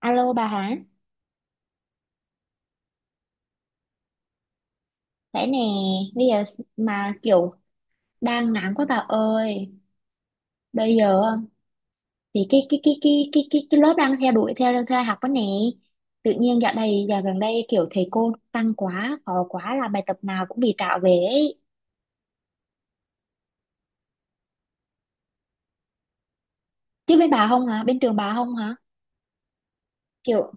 Alo bà hả? Đấy nè, bây giờ mà kiểu đang nắng quá bà ơi. Bây giờ thì cái lớp đang theo đuổi theo theo học đó nè. Tự nhiên dạo gần đây kiểu thầy cô tăng quá, khó quá là bài tập nào cũng bị trả về ấy. Chứ bên bà không hả? Bên trường bà không hả? Kiểu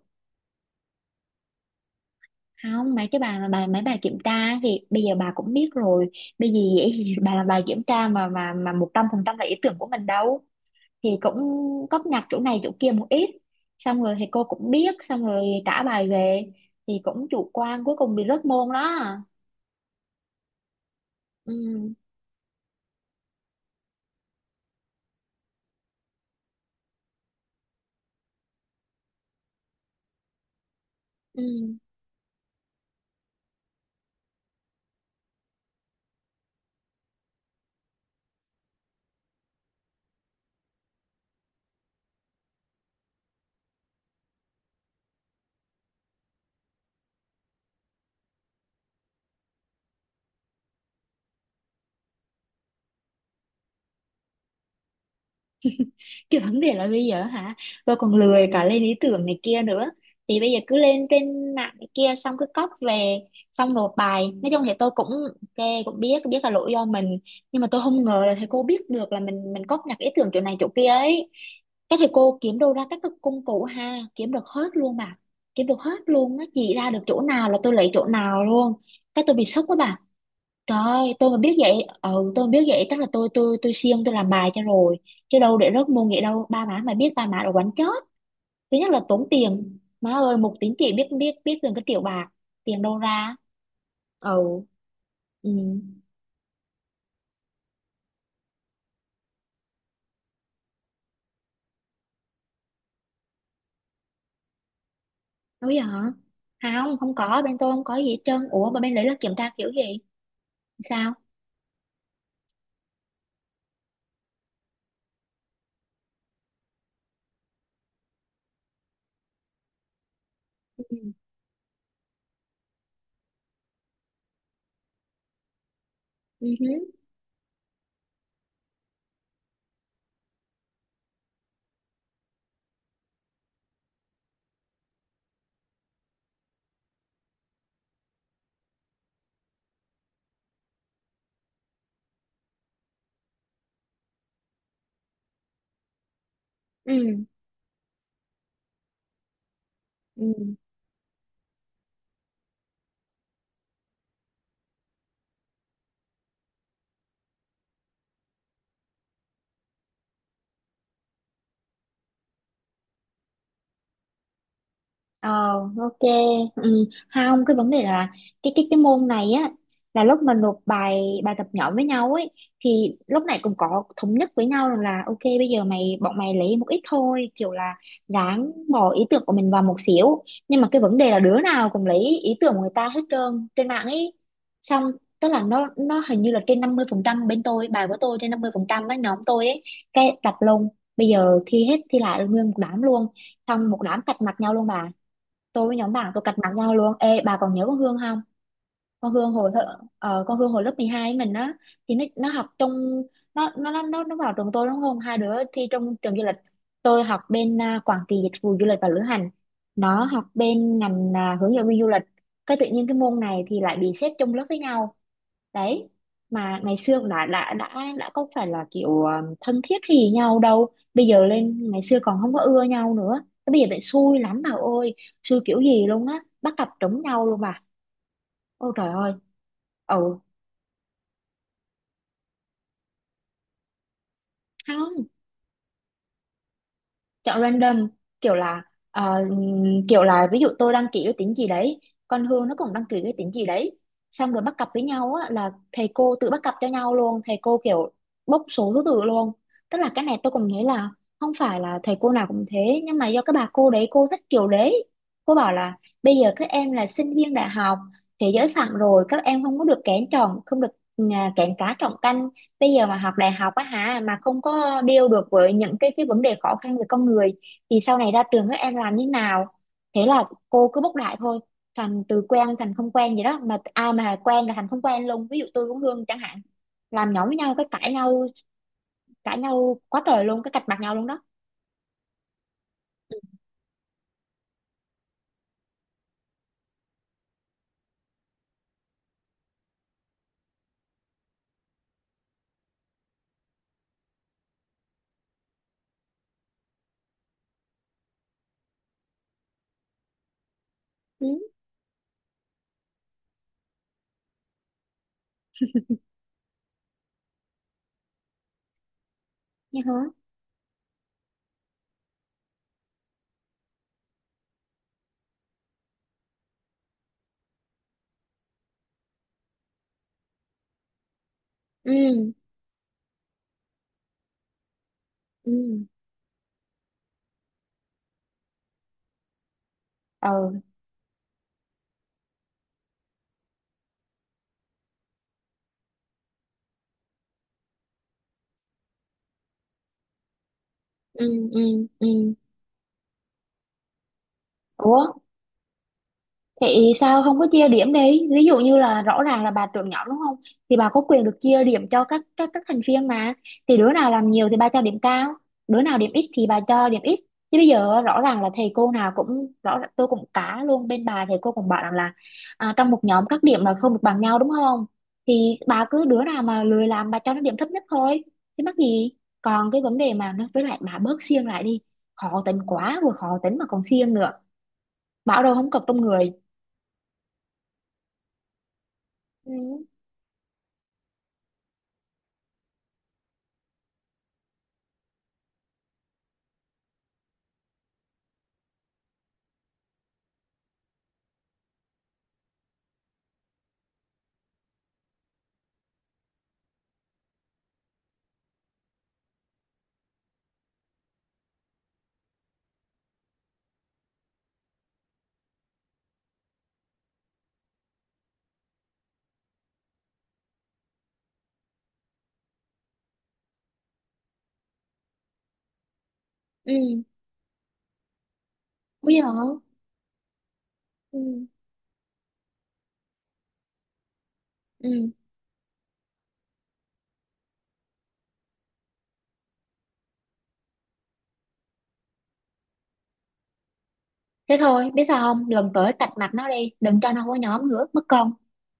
không mấy cái bài mà mấy bài kiểm tra ấy thì bây giờ bà cũng biết rồi. Bây giờ dễ gì bà làm bài kiểm tra mà 100% là ý tưởng của mình đâu. Thì cũng góp nhặt chỗ này chỗ kia một ít, xong rồi thầy cô cũng biết, xong rồi trả bài về, thì cũng chủ quan cuối cùng bị rớt môn đó. Ừ, ừ. Cái vấn đề là bây giờ hả, tôi còn lười cả lên ý tưởng này kia nữa, thì bây giờ cứ lên trên mạng này kia xong cứ cóp về, xong nộp bài. Nói chung thì tôi cũng ok, cũng biết biết là lỗi do mình, nhưng mà tôi không ngờ là thầy cô biết được là mình cóp nhặt ý tưởng chỗ này chỗ kia ấy. Các thầy cô kiếm đâu ra các cái công cụ ha, kiếm được hết luôn mà, kiếm được hết luôn nó chỉ ra được chỗ nào là tôi lấy chỗ nào luôn. Cái tôi bị sốc quá bà. Trời ơi, tôi mà biết vậy, ừ, tôi mà biết vậy chắc là tôi siêng tôi làm bài cho rồi. Chứ đâu để rớt môn vậy đâu, ba má mà biết ba má đã quánh chết. Thứ nhất là tốn tiền. Má ơi, một tín chỉ biết biết biết gần cái triệu bạc, tiền đâu ra? Ừ. Ừ. Đâu vậy hả? Không, không có, bên tôi không có gì hết trơn. Ủa mà bên đấy là kiểm tra kiểu gì? Sao? Ừ. Ừ. Hứ. Ừ. Ừ. Ờ, ok. Ừ. Không, cái vấn đề là cái môn này á, là lúc mà nộp bài bài tập nhỏ với nhau ấy, thì lúc này cũng có thống nhất với nhau rằng là ok bây giờ bọn mày lấy một ít thôi, kiểu là ráng bỏ ý tưởng của mình vào một xíu, nhưng mà cái vấn đề là đứa nào cũng lấy ý tưởng của người ta hết trơn trên mạng ấy, xong tức là nó hình như là trên 50%, bên tôi bài của tôi trên 50% ấy, nhóm tôi ấy. Cái đặt lông, bây giờ thi hết thi lại nguyên một đám luôn, xong một đám cạch mặt nhau luôn bà, tôi với nhóm bạn tôi cạch mặt nhau luôn. Ê, bà còn nhớ con Hương không? Con Hương hồi lớp 12 ấy mình á, thì nó học trong, nó vào trường tôi đúng không, hai đứa thi trong trường du lịch. Tôi học bên à, quản trị dịch vụ du lịch và lữ hành, nó học bên ngành à, hướng dẫn viên du lịch. Cái tự nhiên cái môn này thì lại bị xếp chung lớp với nhau đấy. Mà ngày xưa là đã có phải là kiểu thân thiết gì nhau đâu, bây giờ lên ngày xưa còn không có ưa nhau nữa. Thế bây giờ lại xui lắm bà ơi, xui kiểu gì luôn á, bắt cặp trúng nhau luôn bà. Ôi trời ơi. Ừ. Chọn random, kiểu là ờ, ví dụ tôi đăng ký cái tính gì đấy, con Hương nó cũng đăng ký cái tính gì đấy, xong rồi bắt cặp với nhau á là thầy cô tự bắt cặp cho nhau luôn. Thầy cô kiểu bốc số thứ tự luôn. Tức là cái này tôi cũng thấy là không phải là thầy cô nào cũng thế, nhưng mà do cái bà cô đấy cô thích kiểu đấy. Cô bảo là bây giờ các em là sinh viên đại học, thế giới phẳng rồi, các em không có được kén chọn, không được à, kén cá chọn canh. Bây giờ mà học đại học á hả mà không có deal được với những cái vấn đề khó khăn về con người, thì sau này ra trường các em làm như nào. Thế là cô cứ bốc đại thôi, thành từ quen thành không quen vậy đó. Mà ai mà quen là thành không quen luôn, ví dụ tôi với Hương chẳng hạn, làm nhóm với nhau cái cãi nhau, cãi nhau quá trời luôn, cái cạch mặt nhau luôn đó. Ừ, như hả. Ừ. Ừ. Ừ. Ừ. Ừ. Ừ. Ủa, vậy sao không có chia điểm đi? Ví dụ như là rõ ràng là bà trưởng nhóm đúng không? Thì bà có quyền được chia điểm cho các thành viên mà. Thì đứa nào làm nhiều thì bà cho điểm cao, đứa nào điểm ít thì bà cho điểm ít. Chứ bây giờ rõ ràng là thầy cô nào cũng rõ ràng- tôi cũng cá luôn bên bà thầy cô cũng bảo rằng là à, trong một nhóm các điểm là không được bằng nhau đúng không? Thì bà cứ đứa nào mà lười làm bà cho nó điểm thấp nhất thôi. Chứ mắc gì? Còn cái vấn đề mà nó với lại bà bớt siêng lại đi. Khó tính quá, vừa khó tính mà còn siêng nữa. Bảo đâu không cọc trong người. Ừ. Ừ. Bây giờ. Ừ. Ừ. Thế thôi biết sao không, lần tới cạch mặt nó đi, đừng cho nó có nhóm nữa mất công.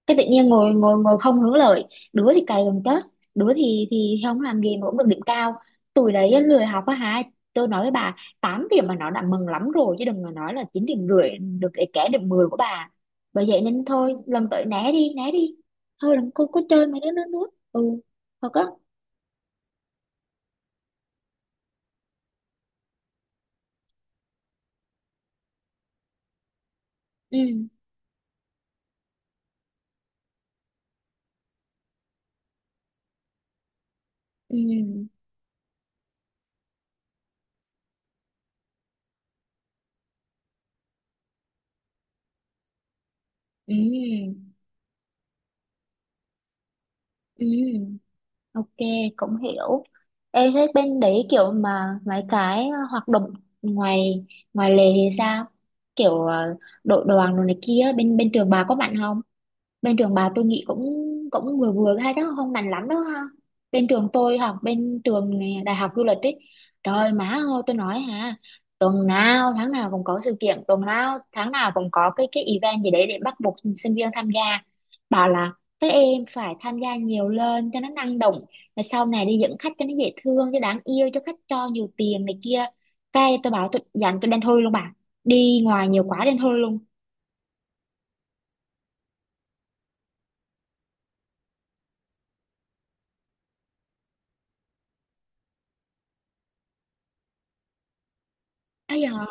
Cái tự nhiên ngồi ngồi ngồi không hướng lợi, đứa thì cày gần chết, đứa thì không làm gì mà cũng được điểm cao. Tụi đấy á, lười học á hả, tôi nói với bà, 8 điểm mà nó đã mừng lắm rồi, chứ đừng mà nói là 9 điểm rưỡi, được để kẻ được 10 của bà. Bởi vậy nên thôi lần tới né đi, thôi đừng có chơi mấy đứa nữa nữa. Ừ. Thật á. Ừ. Ừ. Ừ. Ừ. Ừ. Ok, cũng hiểu. Ê, thế bên đấy kiểu mà mấy cái hoạt động ngoài ngoài lề thì sao? Kiểu đội đoàn rồi này kia bên bên trường bà có bạn không? Bên trường bà tôi nghĩ cũng cũng vừa vừa hay đó, không mạnh lắm đó ha. Bên trường tôi học bên trường này, đại học du lịch ấy, trời má ơi tôi nói hả, tuần nào tháng nào cũng có sự kiện, tuần nào tháng nào cũng có cái event gì đấy để bắt buộc sinh viên tham gia. Bảo là các em phải tham gia nhiều lên cho nó năng động, rồi sau này đi dẫn khách cho nó dễ thương, cho đáng yêu, cho khách cho nhiều tiền này kia. Cái tôi bảo tôi dặn tôi đen thui luôn bà, đi ngoài nhiều quá đen thui luôn. Ấy giờ.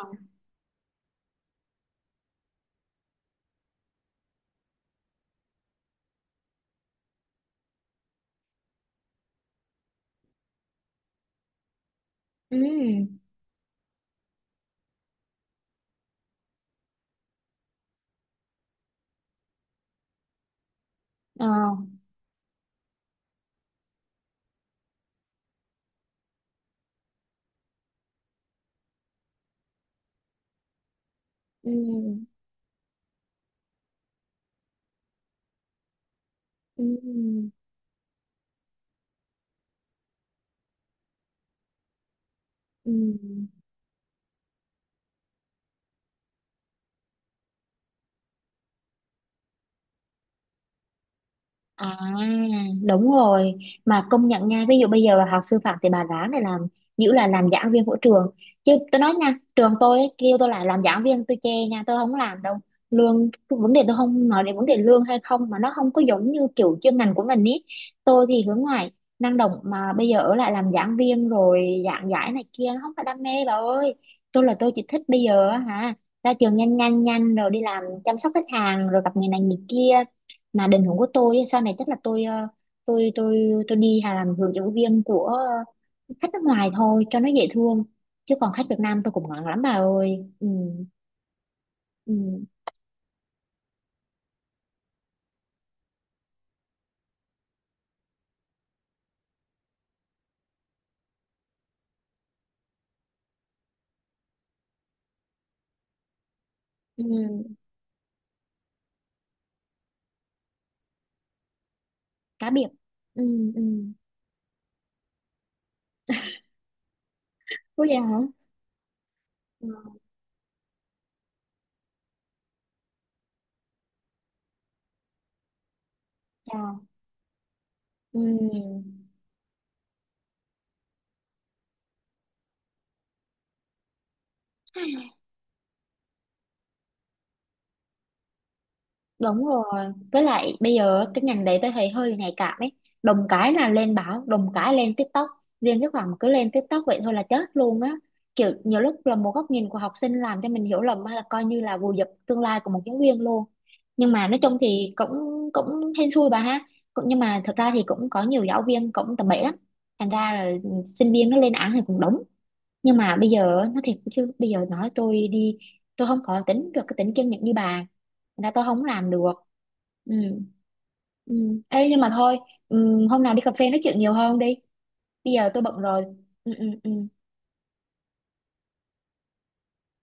Ừ. Ờ. Ừ. Ừ. Ừ. À, đúng rồi. Mà công nhận nha, ví dụ bây giờ bà học sư phạm thì bà ráng để làm, giữ là làm giảng viên của trường. Chứ tôi nói nha, trường tôi ấy, kêu tôi lại làm giảng viên tôi chê nha, tôi không làm đâu. Lương, vấn đề tôi không nói đến vấn đề lương hay không, mà nó không có giống như kiểu chuyên ngành của mình ý. Tôi thì hướng ngoại, năng động, mà bây giờ ở lại làm giảng viên rồi giảng giải này kia nó không phải đam mê bà ơi. Tôi là tôi chỉ thích bây giờ á hả, ra trường nhanh nhanh nhanh rồi đi làm chăm sóc khách hàng rồi gặp người này người kia, mà định hướng của tôi ấy, sau này chắc là tôi tôi đi hà làm hướng dẫn viên của khách nước ngoài thôi cho nó dễ thương. Chứ còn khách Việt Nam tôi cũng ngại lắm bà ơi. Ừ. Ừ. Ừ. Cá biệt. Ừ. Ừ. Ủa vậy hả. Ừ. Chà. Ừ. Đúng rồi. Với lại bây giờ cái ngành đấy tôi thấy hơi nhạy cảm ấy. Đồng cái là lên báo, đồng cái lên TikTok. Riêng cái khoảng mà cứ lên TikTok vậy thôi là chết luôn á. Kiểu nhiều lúc là một góc nhìn của học sinh làm cho mình hiểu lầm hay là coi như là vùi dập tương lai của một giáo viên luôn. Nhưng mà nói chung thì cũng cũng hên xui bà ha. Cũng nhưng mà thật ra thì cũng có nhiều giáo viên cũng tầm bậy lắm. Thành ra là sinh viên nó lên án thì cũng đúng, nhưng mà bây giờ á, nói thiệt chứ bây giờ nói tôi đi, tôi không có tính được cái tính kiên nhẫn như bà. Thành ra tôi không làm được. Ừ. Ừ. Ê, nhưng mà thôi, ừ, hôm nào đi cà phê nói chuyện nhiều hơn đi, bây giờ tôi bận rồi. Ừ. Ừ. Ừ.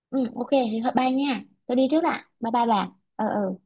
Ừ, ok thì thôi bye nha, tôi đi trước ạ, bye bye bà. Ờ. Ừ.